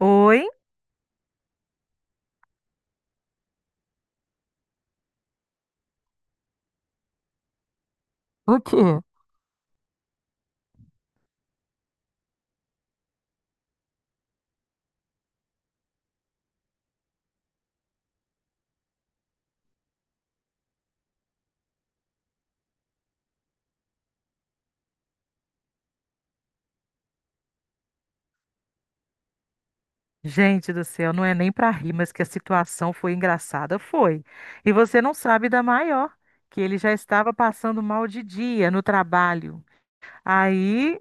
Oi? O quê? Gente do céu, não é nem pra rir, mas que a situação foi engraçada, foi. E você não sabe da maior, que ele já estava passando mal de dia no trabalho. Aí,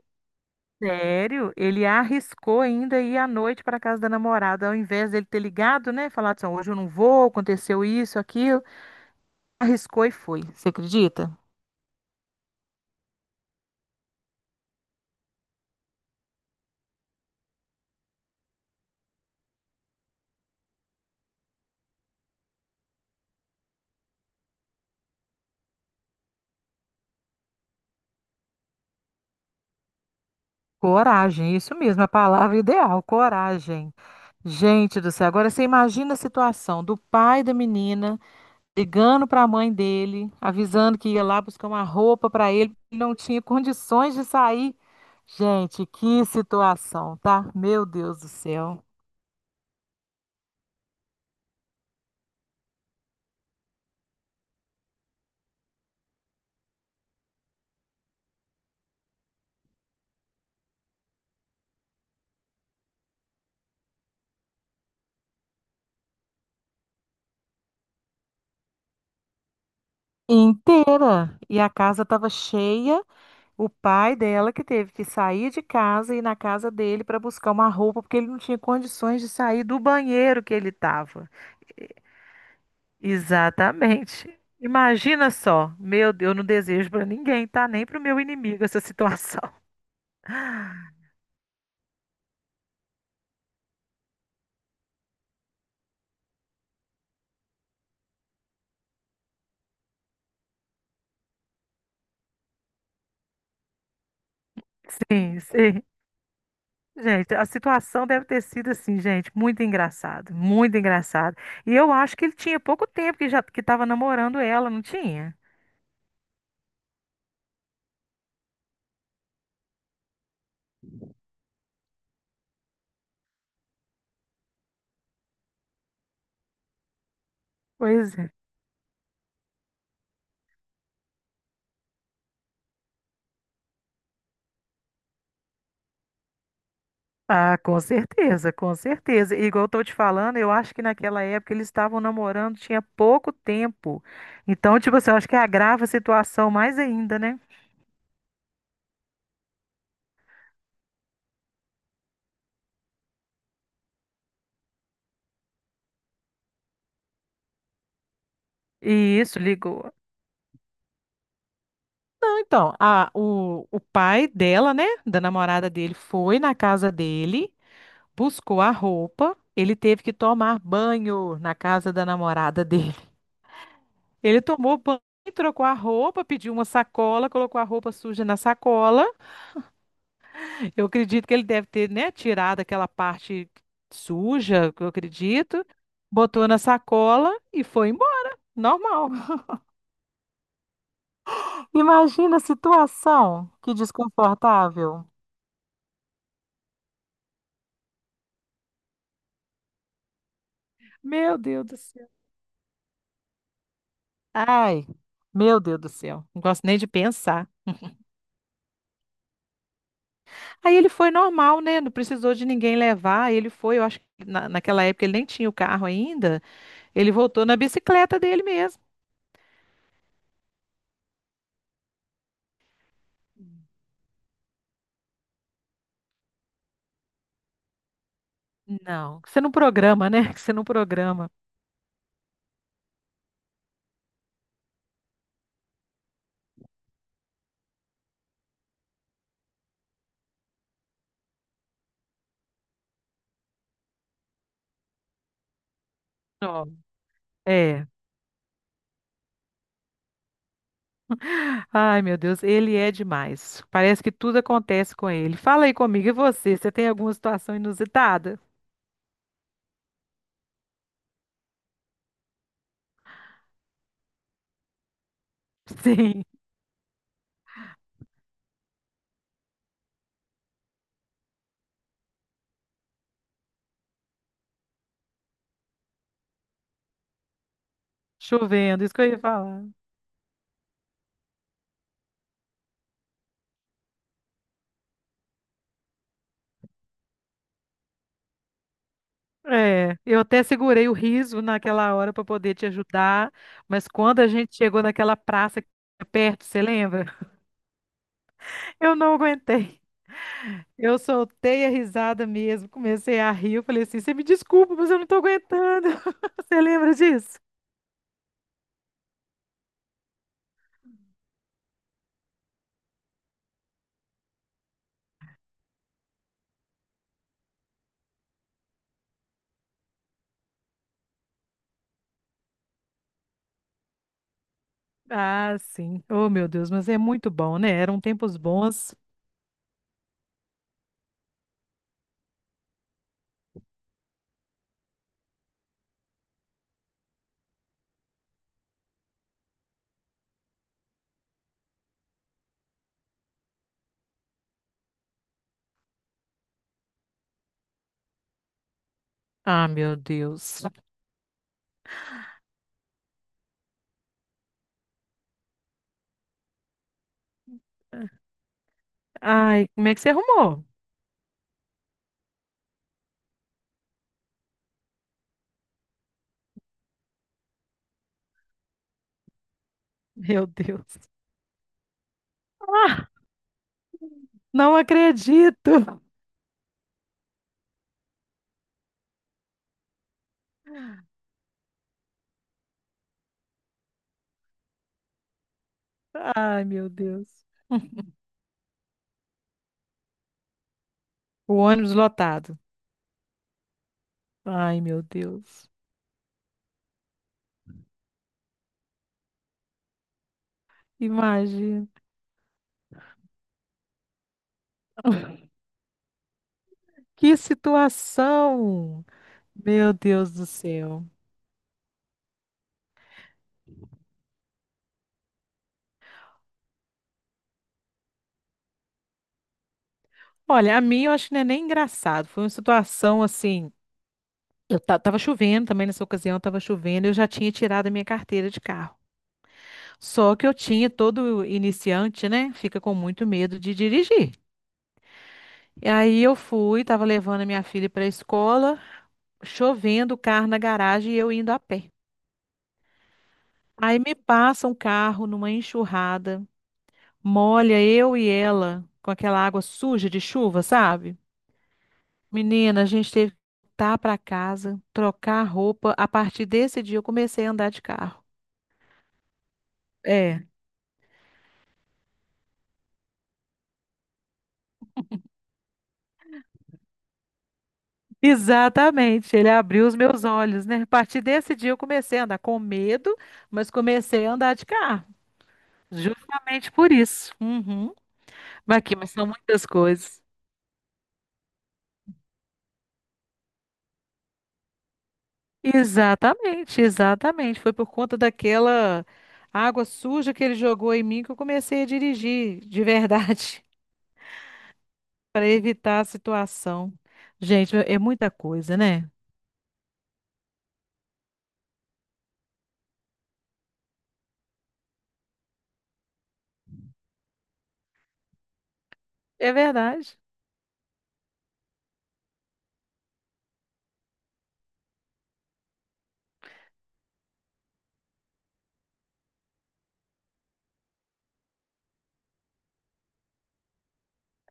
sério, ele arriscou ainda ir à noite para casa da namorada, ao invés dele ter ligado, né? Falado assim, "Ó, hoje eu não vou, aconteceu isso, aquilo." Arriscou e foi. Você acredita? Coragem, isso mesmo, a palavra ideal, coragem. Gente do céu, agora você imagina a situação do pai da menina ligando para a mãe dele, avisando que ia lá buscar uma roupa para ele, ele não tinha condições de sair. Gente, que situação, tá? Meu Deus do céu. Inteira. E a casa estava cheia. O pai dela que teve que sair de casa e ir na casa dele para buscar uma roupa, porque ele não tinha condições de sair do banheiro que ele estava. Exatamente. Imagina só. Meu Deus, eu não desejo para ninguém, tá? Nem para o meu inimigo essa situação. Sim, sim. Gente, a situação deve ter sido assim, gente, muito engraçado, muito engraçado. E eu acho que ele tinha pouco tempo que já que estava namorando ela, não tinha? Pois é. Ah, com certeza, com certeza. E igual eu tô te falando, eu acho que naquela época eles estavam namorando, tinha pouco tempo. Então, tipo assim, eu acho que agrava a situação mais ainda, né? E isso ligou. Então, o pai dela, né, da namorada dele, foi na casa dele, buscou a roupa, ele teve que tomar banho na casa da namorada dele. Ele tomou banho, trocou a roupa, pediu uma sacola, colocou a roupa suja na sacola. Eu acredito que ele deve ter, né, tirado aquela parte suja, que eu acredito, botou na sacola e foi embora. Normal. Imagina a situação, que desconfortável. Meu Deus do céu. Ai, meu Deus do céu. Não gosto nem de pensar. Aí ele foi normal, né? Não precisou de ninguém levar. Ele foi, eu acho que naquela época ele nem tinha o carro ainda. Ele voltou na bicicleta dele mesmo. Não, que você não programa, né? Que você não programa. Não. É. Ai, meu Deus, ele é demais. Parece que tudo acontece com ele. Fala aí comigo, e você? Você tem alguma situação inusitada? Sim, chovendo, isso que eu ia falar. É, eu até segurei o riso naquela hora para poder te ajudar, mas quando a gente chegou naquela praça aqui perto, você lembra? Eu não aguentei. Eu soltei a risada mesmo, comecei a rir. Eu falei assim: você me desculpa, mas eu não tô aguentando. Você lembra disso? Ah, sim. Oh, meu Deus, mas é muito bom, né? Eram tempos bons. Ah, meu Deus. Ai, como é que você arrumou? Meu Deus. Ah, não acredito. Ai, meu Deus. O ônibus lotado. Ai, meu Deus. Imagina. Que situação! Meu Deus do céu. Olha, a mim eu acho que não é nem engraçado. Foi uma situação assim. Eu tava chovendo também nessa ocasião, tava chovendo, eu já tinha tirado a minha carteira de carro. Só que eu tinha, todo iniciante, né, fica com muito medo de dirigir. E aí eu fui, tava levando a minha filha para a escola, chovendo, o carro na garagem e eu indo a pé. Aí me passa um carro numa enxurrada, molha eu e ela com aquela água suja de chuva, sabe? Menina, a gente teve que voltar para casa, trocar a roupa. A partir desse dia eu comecei a andar de carro. É. Exatamente, ele abriu os meus olhos, né? A partir desse dia eu comecei a andar com medo, mas comecei a andar de carro. Justamente por isso. Uhum. Mas aqui, mas são muitas coisas. Exatamente, exatamente. Foi por conta daquela água suja que ele jogou em mim que eu comecei a dirigir, de verdade, para evitar a situação. Gente, é muita coisa, né? É verdade.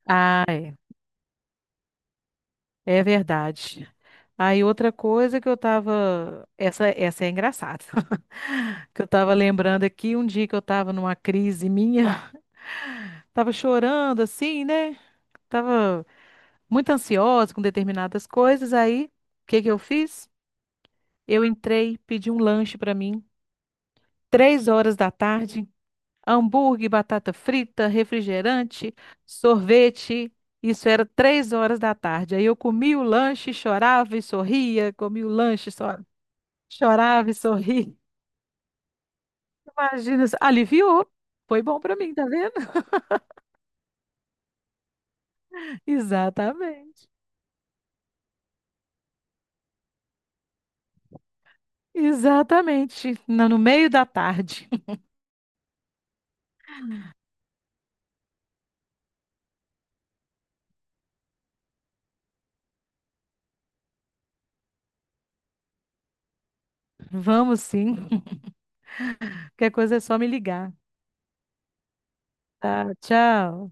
Ah, é. É verdade. Aí outra coisa que eu tava. Essa é engraçada. Que eu tava lembrando aqui um dia que eu tava numa crise minha. Tava chorando assim, né? Tava muito ansiosa com determinadas coisas. Aí, o que que eu fiz? Eu entrei, pedi um lanche pra mim, 3 horas da tarde. Hambúrguer, batata frita, refrigerante, sorvete. Isso era 3 horas da tarde. Aí eu comia o lanche, chorava e sorria, comia o lanche, só chorava e sorria. Imagina, aliviou. Foi bom para mim, tá vendo? Exatamente. Exatamente. No meio da tarde. Vamos sim. Qualquer coisa é só me ligar. Tá, tchau.